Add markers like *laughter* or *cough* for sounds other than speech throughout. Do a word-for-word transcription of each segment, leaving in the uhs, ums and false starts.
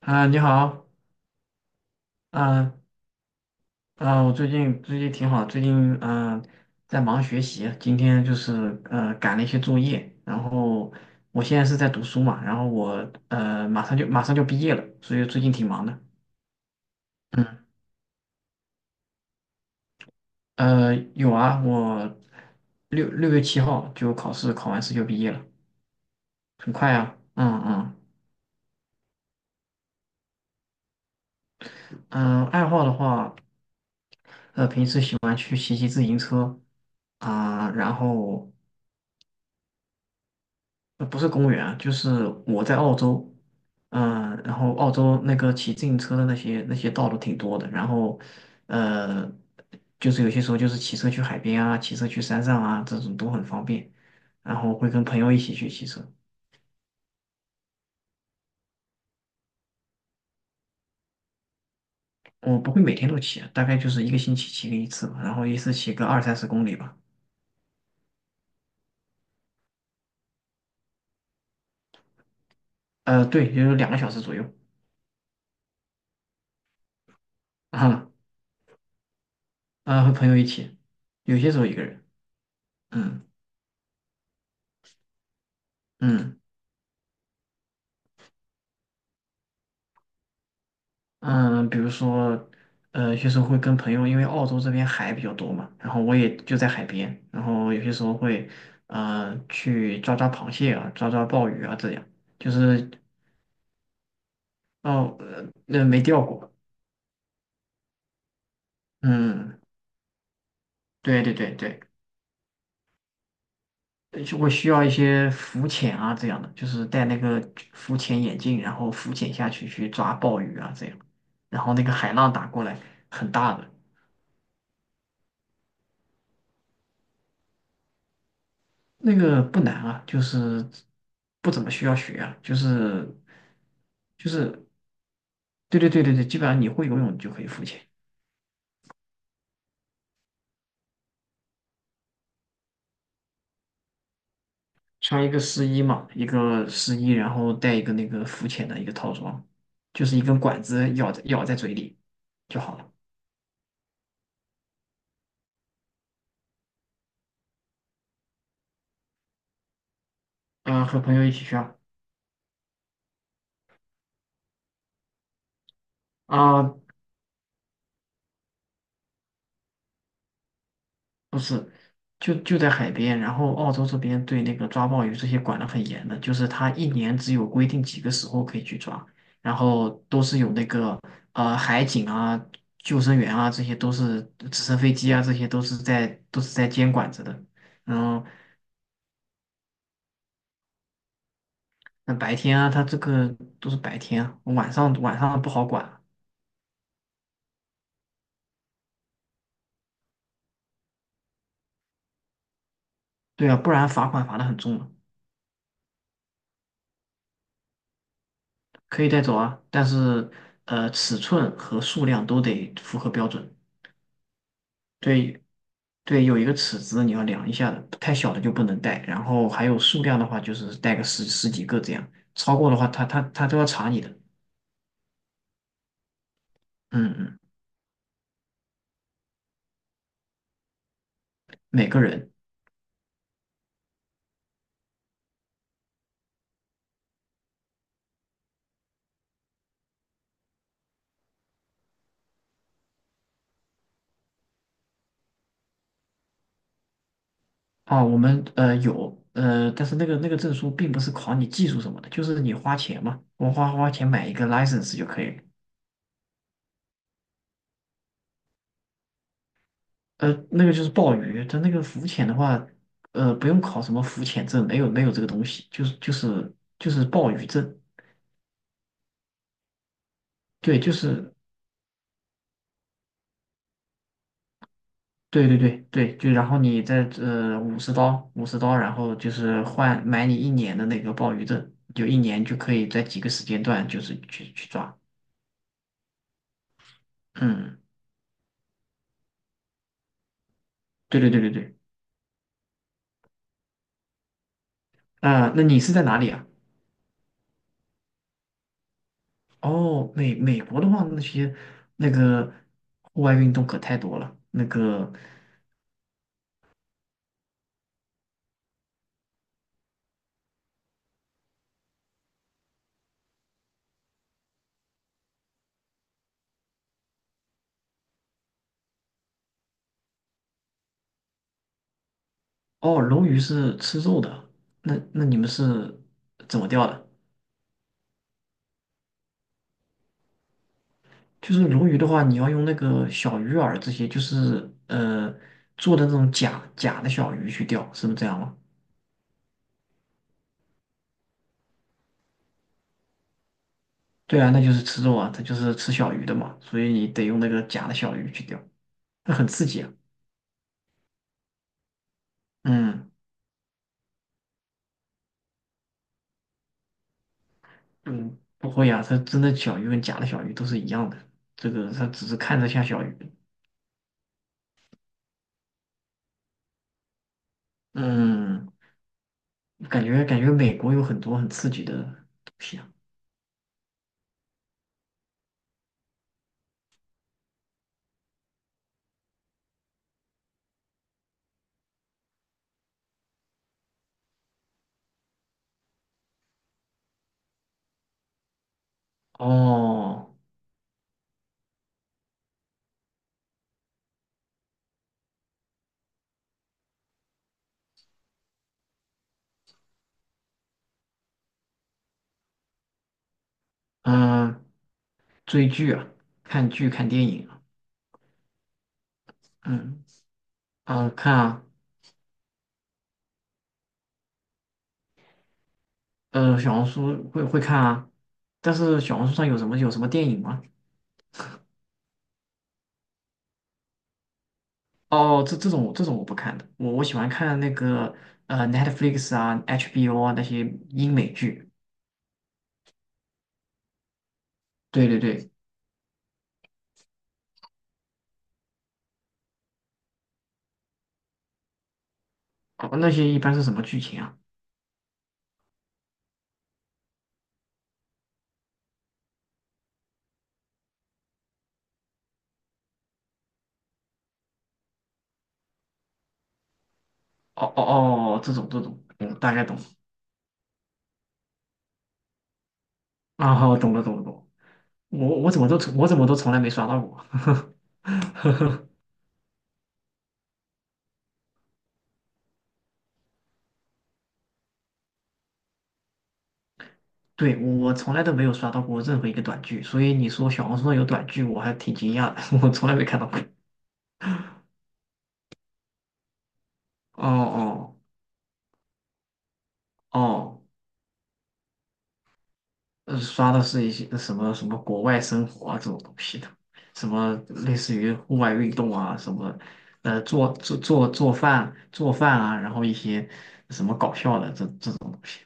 啊，你好。啊啊，我最近最近挺好，最近嗯、在忙学习，今天就是呃赶了一些作业，然后我现在是在读书嘛，然后我呃马上就马上就毕业了，所以最近挺忙的。嗯，呃有啊，我六六月七号就考试，考完试就毕业了，很快啊。嗯嗯。嗯，爱好的话，呃平时喜欢去骑骑自行车啊、然后。呃不是公园啊，就是我在澳洲，嗯、然后澳洲那个骑自行车的那些那些道路挺多的，然后，呃，就是有些时候就是骑车去海边啊，骑车去山上啊，这种都很方便，然后会跟朋友一起去骑车，我不会每天都骑啊，大概就是一个星期骑个一次吧，然后一次骑个二三十公里吧。呃，对，也就是两个小时左右啊。啊，和朋友一起，有些时候一个人，嗯嗯。嗯，比如说，呃，有些时候会跟朋友，因为澳洲这边海比较多嘛，然后我也就在海边，然后有些时候会，呃，去抓抓螃蟹啊，抓抓鲍鱼啊，这样，就是。哦，呃那、没钓过。嗯，对对对对。呃就会需要一些浮潜啊这样的，就是戴那个浮潜眼镜，然后浮潜下去去抓鲍鱼啊这样，然后那个海浪打过来很大的。那个不难啊，就是不怎么需要学啊，就是。就是对对对对对，基本上你会游泳你就可以浮潜，穿一个湿衣嘛，一个湿衣，然后带一个那个浮潜的一个套装，就是一根管子咬在咬在嘴里就好了。嗯、和朋友一起去啊。啊、不是，就就在海边，然后澳洲这边对那个抓鲍鱼这些管得很严的，就是它一年只有规定几个时候可以去抓，然后都是有那个呃海警啊、救生员啊，这些都是直升飞机啊，这些都是在都是在监管着的。嗯，那白天啊，它这个都是白天啊，晚上晚上不好管。对啊，不然罚款罚得很重的，可以带走啊，但是呃尺寸和数量都得符合标准。对对，有一个尺子你要量一下的，太小的就不能带。然后还有数量的话，就是带个十十几个这样，超过的话他他他都要查你的。嗯嗯，每个人。啊，我们呃有呃，但是那个那个证书并不是考你技术什么的，就是你花钱嘛，我花花钱买一个 license 就可以了。呃，那个就是鲍鱼，它那个浮潜的话，呃，不用考什么浮潜证，没有没有这个东西，就是就是就是鲍鱼证，对，就是。对对对对，就然后你再呃五十刀五十刀，然后就是换买你一年的那个鲍鱼证，就一年就可以在几个时间段就是去去抓。嗯，对对对对对。啊、那你是在哪里啊？哦，美美国的话，那些那个户外运动可太多了。那个。哦，鲈鱼是吃肉的，那那你们是怎么钓的？就是鲈鱼的话，你要用那个小鱼饵这些，就是呃做的那种假假的小鱼去钓，是不是这样吗？对啊，那就是吃肉啊，它就是吃小鱼的嘛，所以你得用那个假的小鱼去钓，那很刺激啊。嗯嗯，不会呀啊，它真的小鱼跟假的小鱼都是一样的，这个它只是看着像小鱼。嗯，感觉感觉美国有很多很刺激的东西啊。哦，嗯，追剧啊，看剧看电影啊，嗯。啊，看啊。呃，小红书会会看啊，但是小红书上有什么有什么电影吗？哦，这这种这种我不看的，我我喜欢看那个呃 Netflix 啊、H B O 啊那些英美剧。对对对。哦，那些一般是什么剧情啊？哦哦哦，这种这种，嗯，大概懂。啊，好，懂了懂了懂了。我我怎么都从我怎么都从来没刷到过。*laughs* 对，我从来都没有刷到过任何一个短剧，所以你说小红书上有短剧，我还挺惊讶的，*laughs* 我从来没看到过。哦哦哦。呃，刷的是一些呃什么什么国外生活啊这种东西的，什么类似于户外运动啊，什么呃做做做做饭做饭啊，然后一些什么搞笑的这这种东西。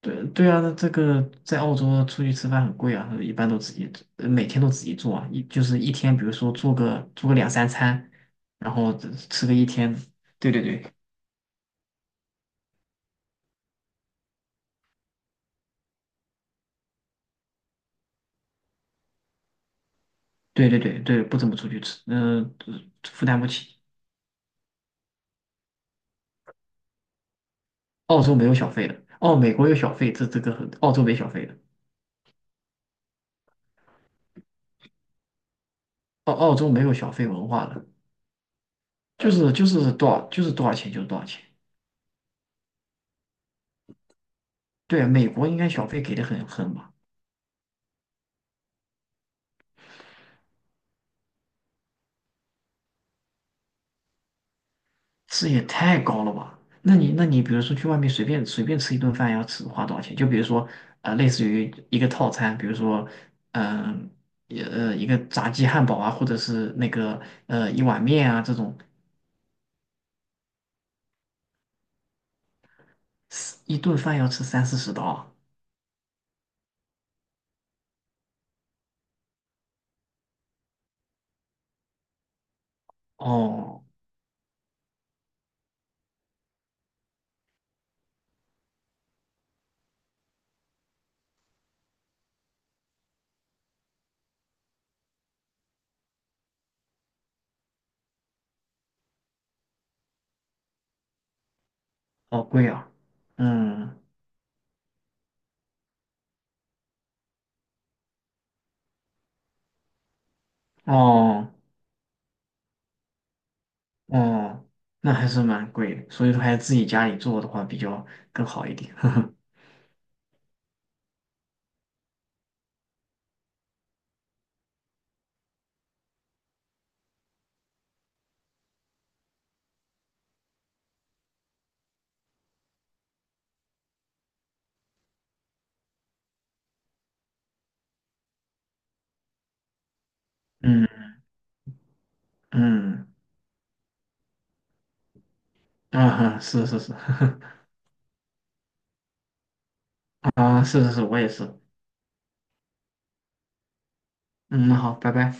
对对啊，那这个在澳洲出去吃饭很贵啊，一般都自己做，呃每天都自己做啊，一就是一天，比如说做个做个两三餐，然后只吃个一天。对对对对对对对，不怎么出去吃，嗯、负担不起。澳洲没有小费的，哦，美国有小费，这这个很，澳洲没小费的，澳澳洲没有小费文化的，就是就是多少就是多少钱就是多少钱。对啊，美国应该小费给的很很吧，这也太高了吧？那你那你比如说去外面随便随便吃一顿饭要吃花多少钱？就比如说呃，类似于一个套餐，比如说嗯、也呃一个炸鸡汉堡啊，或者是那个呃一碗面啊这种，一顿饭要吃三四十刀啊，哦，好贵啊，嗯。哦哦，那还是蛮贵的，所以说还是自己家里做的话比较更好一点。*laughs* 呵呵。嗯嗯。啊，是是是。 *laughs* 啊，是是是，我也是。嗯，那好，拜拜。